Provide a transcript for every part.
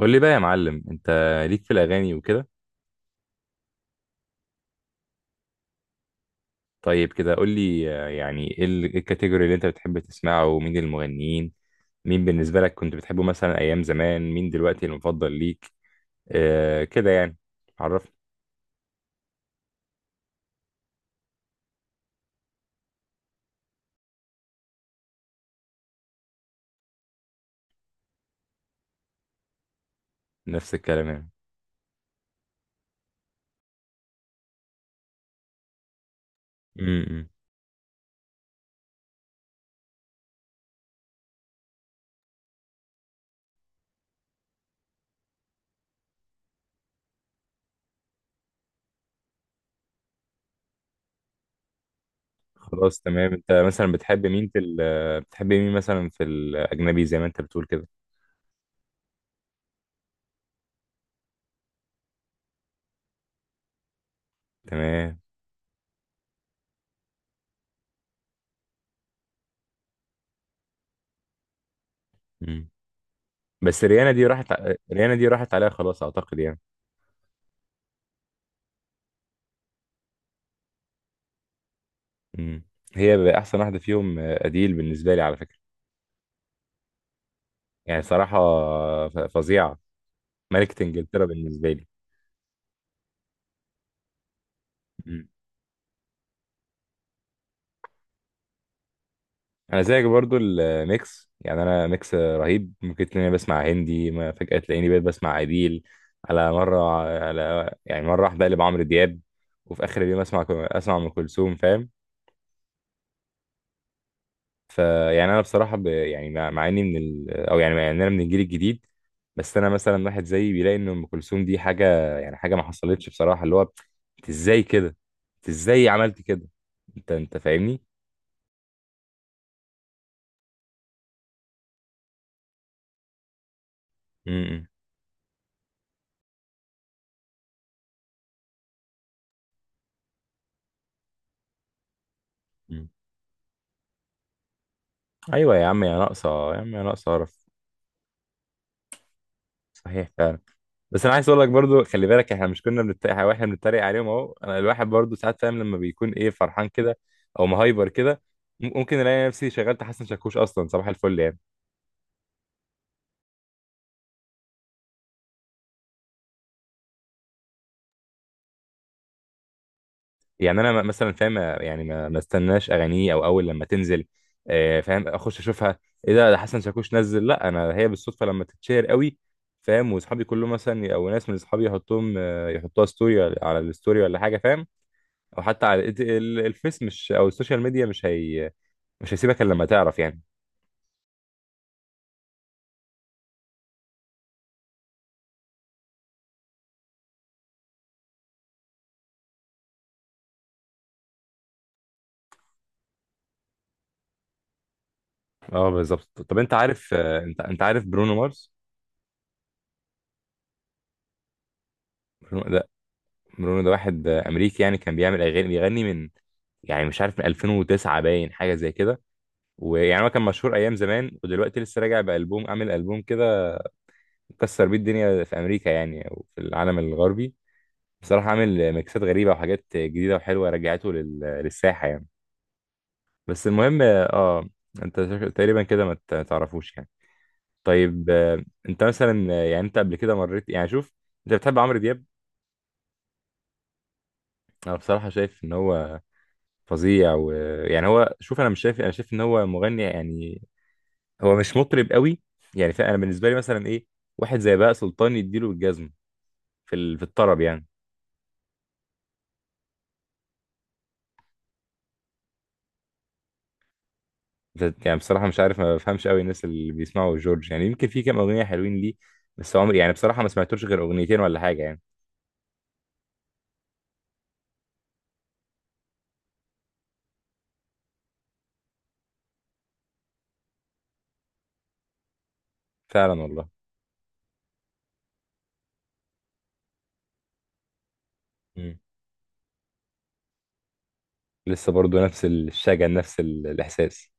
قول لي بقى يا معلم، انت ليك في الاغاني وكده. طيب كده قول لي، يعني ايه إيه الكاتيجوري اللي انت بتحب تسمعه، ومين المغنيين؟ مين بالنسبه لك كنت بتحبه مثلا ايام زمان، مين دلوقتي المفضل ليك؟ آه كده يعني، عرفني. نفس الكلام يعني. امم امم. خلاص تمام، انت مثلا بتحب مين في بتحب مين مثلا في الاجنبي زي ما انت بتقول كده؟ تمام. امم. بس ريانا دي راحت ريانا دي راحت عليها خلاص اعتقد يعني. امم. هي بقى احسن واحده فيهم، اديل بالنسبه لي على فكره. يعني صراحة، فظيعة، ملكة انجلترا بالنسبة لي. مم. انا زيك برضو الميكس، يعني انا ميكس رهيب، ممكن تلاقيني بسمع هندي ما فجأة تلاقيني بقيت بسمع عبيل، على مرة، على يعني مرة واحدة اقلب عمرو دياب، وفي اخر اليوم اسمع ام كلثوم، فاهم؟ فيعني انا بصراحة يعني مع اني من ال... او يعني مع ان انا من الجيل الجديد، بس انا مثلا واحد زيي بيلاقي ان ام كلثوم دي حاجة، يعني حاجة ما حصلتش بصراحة، اللي هو انت ازاي كده، انت ازاي عملت كده، انت فاهمني؟ امم. أمم. ايوه يا عم، يا ناقصه يا عم، يا ناقصه قرف. صحيح فعلا. بس انا عايز اقول لك برضو، خلي بالك، احنا مش كنا بنتريق؟ واحنا بنتريق عليهم اهو، انا الواحد برضو ساعات فاهم لما بيكون ايه، فرحان كده او مهايبر كده، ممكن الاقي نفسي شغلت حسن شاكوش اصلا صباح الفل يعني. يعني انا مثلا فاهم، يعني ما استناش اغانيه او اول لما تنزل فاهم اخش اشوفها ايه ده حسن شاكوش نزل، لا، انا هي بالصدفه لما تتشهر قوي فاهم، واصحابي كلهم مثلا او ناس من اصحابي يحطوهم يحطوها ستوري على الستوري ولا حاجه فاهم، او حتى على الفيس، مش او السوشيال ميديا، مش هي مش هيسيبك الا لما تعرف يعني. اه بالظبط. طب انت عارف، انت عارف برونو مارس؟ برونو ده، واحد امريكي، يعني كان بيعمل اغاني، بيغني من، يعني مش عارف، من 2009 باين حاجه زي كده، ويعني هو كان مشهور ايام زمان ودلوقتي لسه راجع بالبوم، عامل البوم كده كسر بيه الدنيا في امريكا، يعني او في العالم الغربي. بصراحه عامل ميكسات غريبه وحاجات جديده وحلوه، رجعته للساحه يعني. بس المهم انت تقريبا كده ما تعرفوش يعني؟ طيب انت مثلا، يعني انت قبل كده مريت، يعني شوف، انت بتحب عمرو دياب. انا بصراحة شايف ان هو فظيع، ويعني هو، شوف انا مش شايف، انا شايف ان هو مغني يعني، هو مش مطرب قوي. يعني فانا بالنسبة لي مثلا ايه، واحد زي بقى سلطان يديله الجزم في في الطرب يعني. يعني بصراحة مش عارف، ما بفهمش قوي الناس اللي بيسمعوا جورج يعني، يمكن في كام اغنية حلوين ليه، بس عمري يعني بصراحة ما سمعتوش غير اغنيتين ولا حاجة يعني. فعلا والله. مم. لسه برضو نفس الشجن، نفس الاحساس.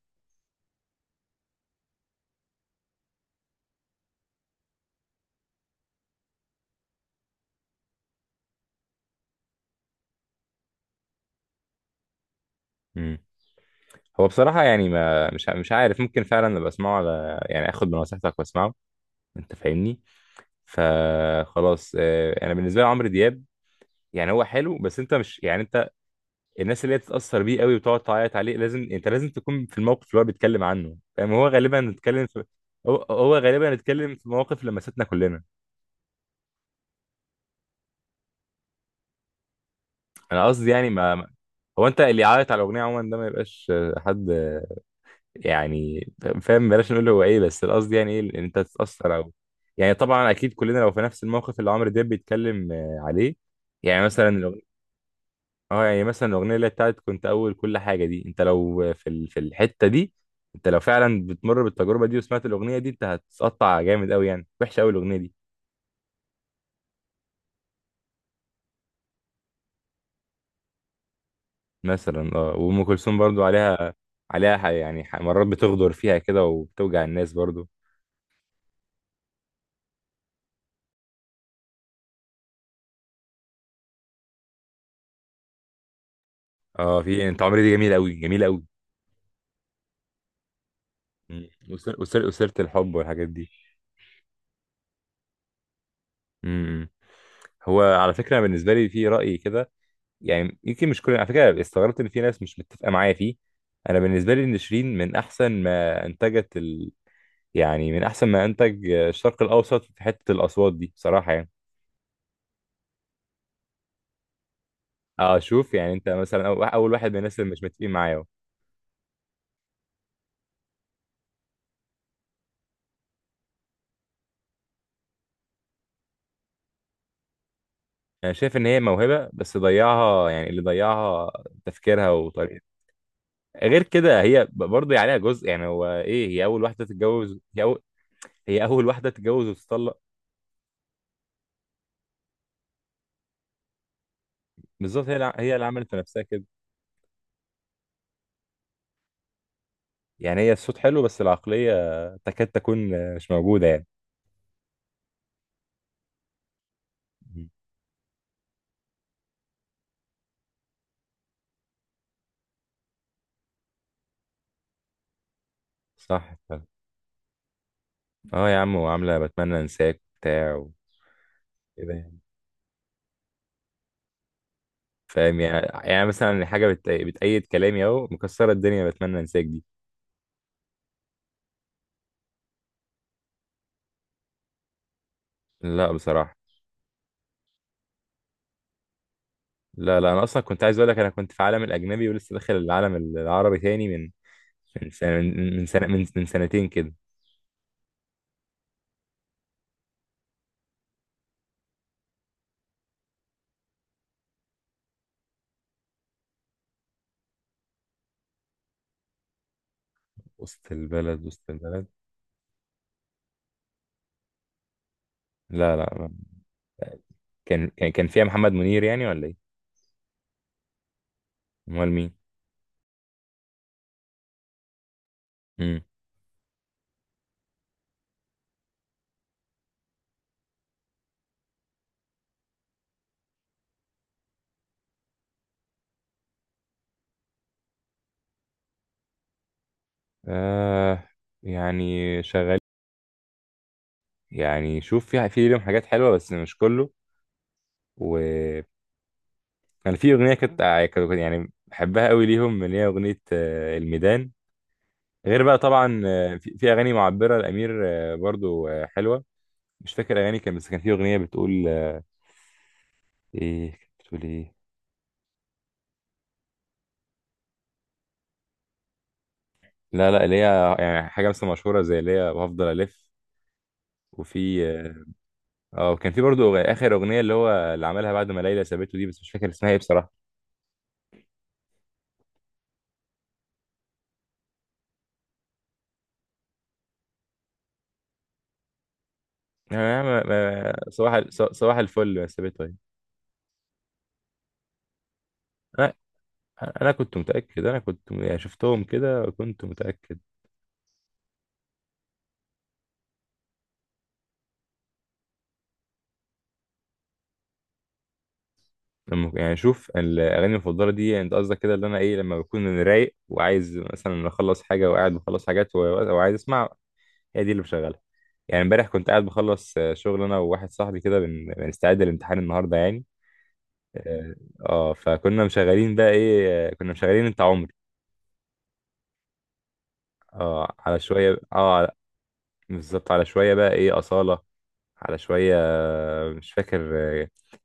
هو بصراحة يعني ما مش ع- مش عارف، ممكن فعلا ابقى اسمعه، على يعني اخد بنصيحتك واسمعه، انت فاهمني؟ فخلاص، انا بالنسبة لي عمرو دياب يعني هو حلو، بس انت مش يعني انت، الناس اللي هي تتأثر بيه قوي وتقعد تعيط عليه لازم انت، لازم تكون في الموقف اللي هو بيتكلم عنه فاهم، هو غالبا اتكلم في، هو غالبا اتكلم في مواقف لمستنا كلنا. انا قصدي يعني هو انت اللي يعيط على الاغنية عموما، ده ما يبقاش حد يعني فاهم، بلاش نقول هو ايه، بس القصد يعني ايه، ان انت تتاثر او يعني طبعا اكيد كلنا لو في نفس الموقف اللي عمرو دياب بيتكلم عليه، يعني مثلا الأغنية-، اه يعني مثلا الاغنيه اللي هي بتاعت كنت اول كل حاجه دي، انت لو في في الحته دي، انت لو فعلا بتمر بالتجربه دي وسمعت الاغنيه دي انت هتتقطع جامد قوي يعني، وحشه قوي الاغنيه دي. مثلا اه، وام كلثوم برضو عليها، عليها مرات بتغدر فيها كده وبتوجع الناس برضو. اه، في انت عمري دي، جميل قوي جميل قوي، وسيرة الحب والحاجات دي. امم. هو على فكره بالنسبه لي في راي كده، يعني يمكن مش كل، على فكره استغربت ان في ناس مش متفقه معايا فيه، انا بالنسبه لي ان شيرين من احسن ما انتجت يعني من احسن ما انتج الشرق الاوسط في حته الاصوات دي بصراحه يعني. اه شوف يعني انت مثلا اول واحد من الناس اللي مش متفقين معايا أهو. انا شايف ان هي موهبه بس ضيعها، يعني اللي ضيعها تفكيرها وطريقه. غير كده هي برضه عليها جزء، يعني هو ايه، هي اول واحده تتجوز، هي هي اول واحده تتجوز وتطلق. بالظبط، هي هي اللي عملت في نفسها كده يعني، هي الصوت حلو بس العقلية تكاد تكون مش موجودة يعني. مم. صح فعلا. اه يا عم، وعاملة بتمنى انساك وبتاع كده يعني فاهم، يعني مثلا حاجة بتأيد كلامي اهو، مكسرة الدنيا بتمنى انساك دي. لا بصراحة. لا لا، انا اصلا كنت عايز اقول لك انا كنت في العالم الاجنبي ولسه داخل العالم العربي تاني من، من سنتين كده. وسط البلد، وسط البلد. لا لا كان كان فيها محمد منير يعني ولا ايه؟ امال مين؟ مم. آه، يعني شغال، يعني شوف في ليهم حاجات حلوة بس مش كله، وأنا، في أغنية يعني بحبها قوي ليهم، اللي هي أغنية الميدان، غير بقى طبعا في أغاني معبرة، الأمير برضو حلوة. مش فاكر أغاني كان، بس كان في أغنية بتقول إيه كانت بتقول إيه؟ لا لا، اللي هي يعني حاجة مثلا مشهورة زي اللي هي بفضل ألف، وفي اه وكان في برضو آخر أغنية اللي هو اللي عملها بعد ما ليلى سابته دي، بس مش فاكر اسمها إيه بصراحة. يعني أنا صباح الفل يا سبيتو يعني. انا انا كنت متاكد، انا كنت يعني شفتهم كده كنت متاكد. لما يعني شوف الاغاني المفضله دي يعني انت قصدك كده اللي انا ايه، لما بكون رايق وعايز مثلا اخلص حاجه وقاعد بخلص حاجات وعايز اسمع، هي دي اللي بشغلها. يعني امبارح كنت قاعد بخلص شغل انا وواحد صاحبي كده بنستعد للامتحان النهارده يعني. اه فكنا مشغلين بقى ايه كنا مشغلين انت عمري. اه على شويه، اه بالظبط على شويه بقى ايه اصاله، على شوية، مش فاكر.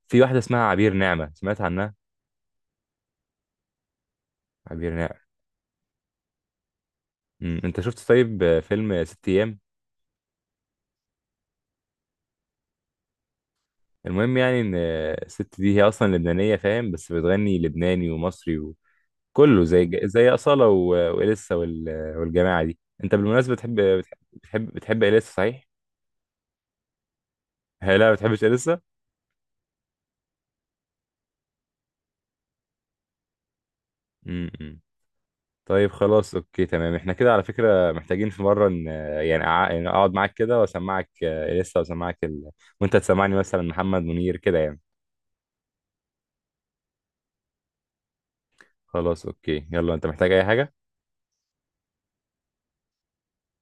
في واحدة اسمها عبير نعمة، سمعت عنها؟ عبير نعمة. مم. انت شفت طيب فيلم ست ايام؟ المهم يعني ان الست دي هي اصلا لبنانية فاهم، بس بتغني لبناني ومصري، وكله زي أصالة وإليسا والجماعة دي. انت بالمناسبة بتحب, إليسا صحيح؟ هي لا، ما بتحبش إليسا؟ مم. طيب خلاص، اوكي تمام، احنا كده على فكرة محتاجين في مرة ان يعني يعني اقعد معاك كده واسمعك لسه، واسمعك وانت تسمعني مثلا محمد منير كده يعني. خلاص اوكي يلا، انت محتاج اي حاجة؟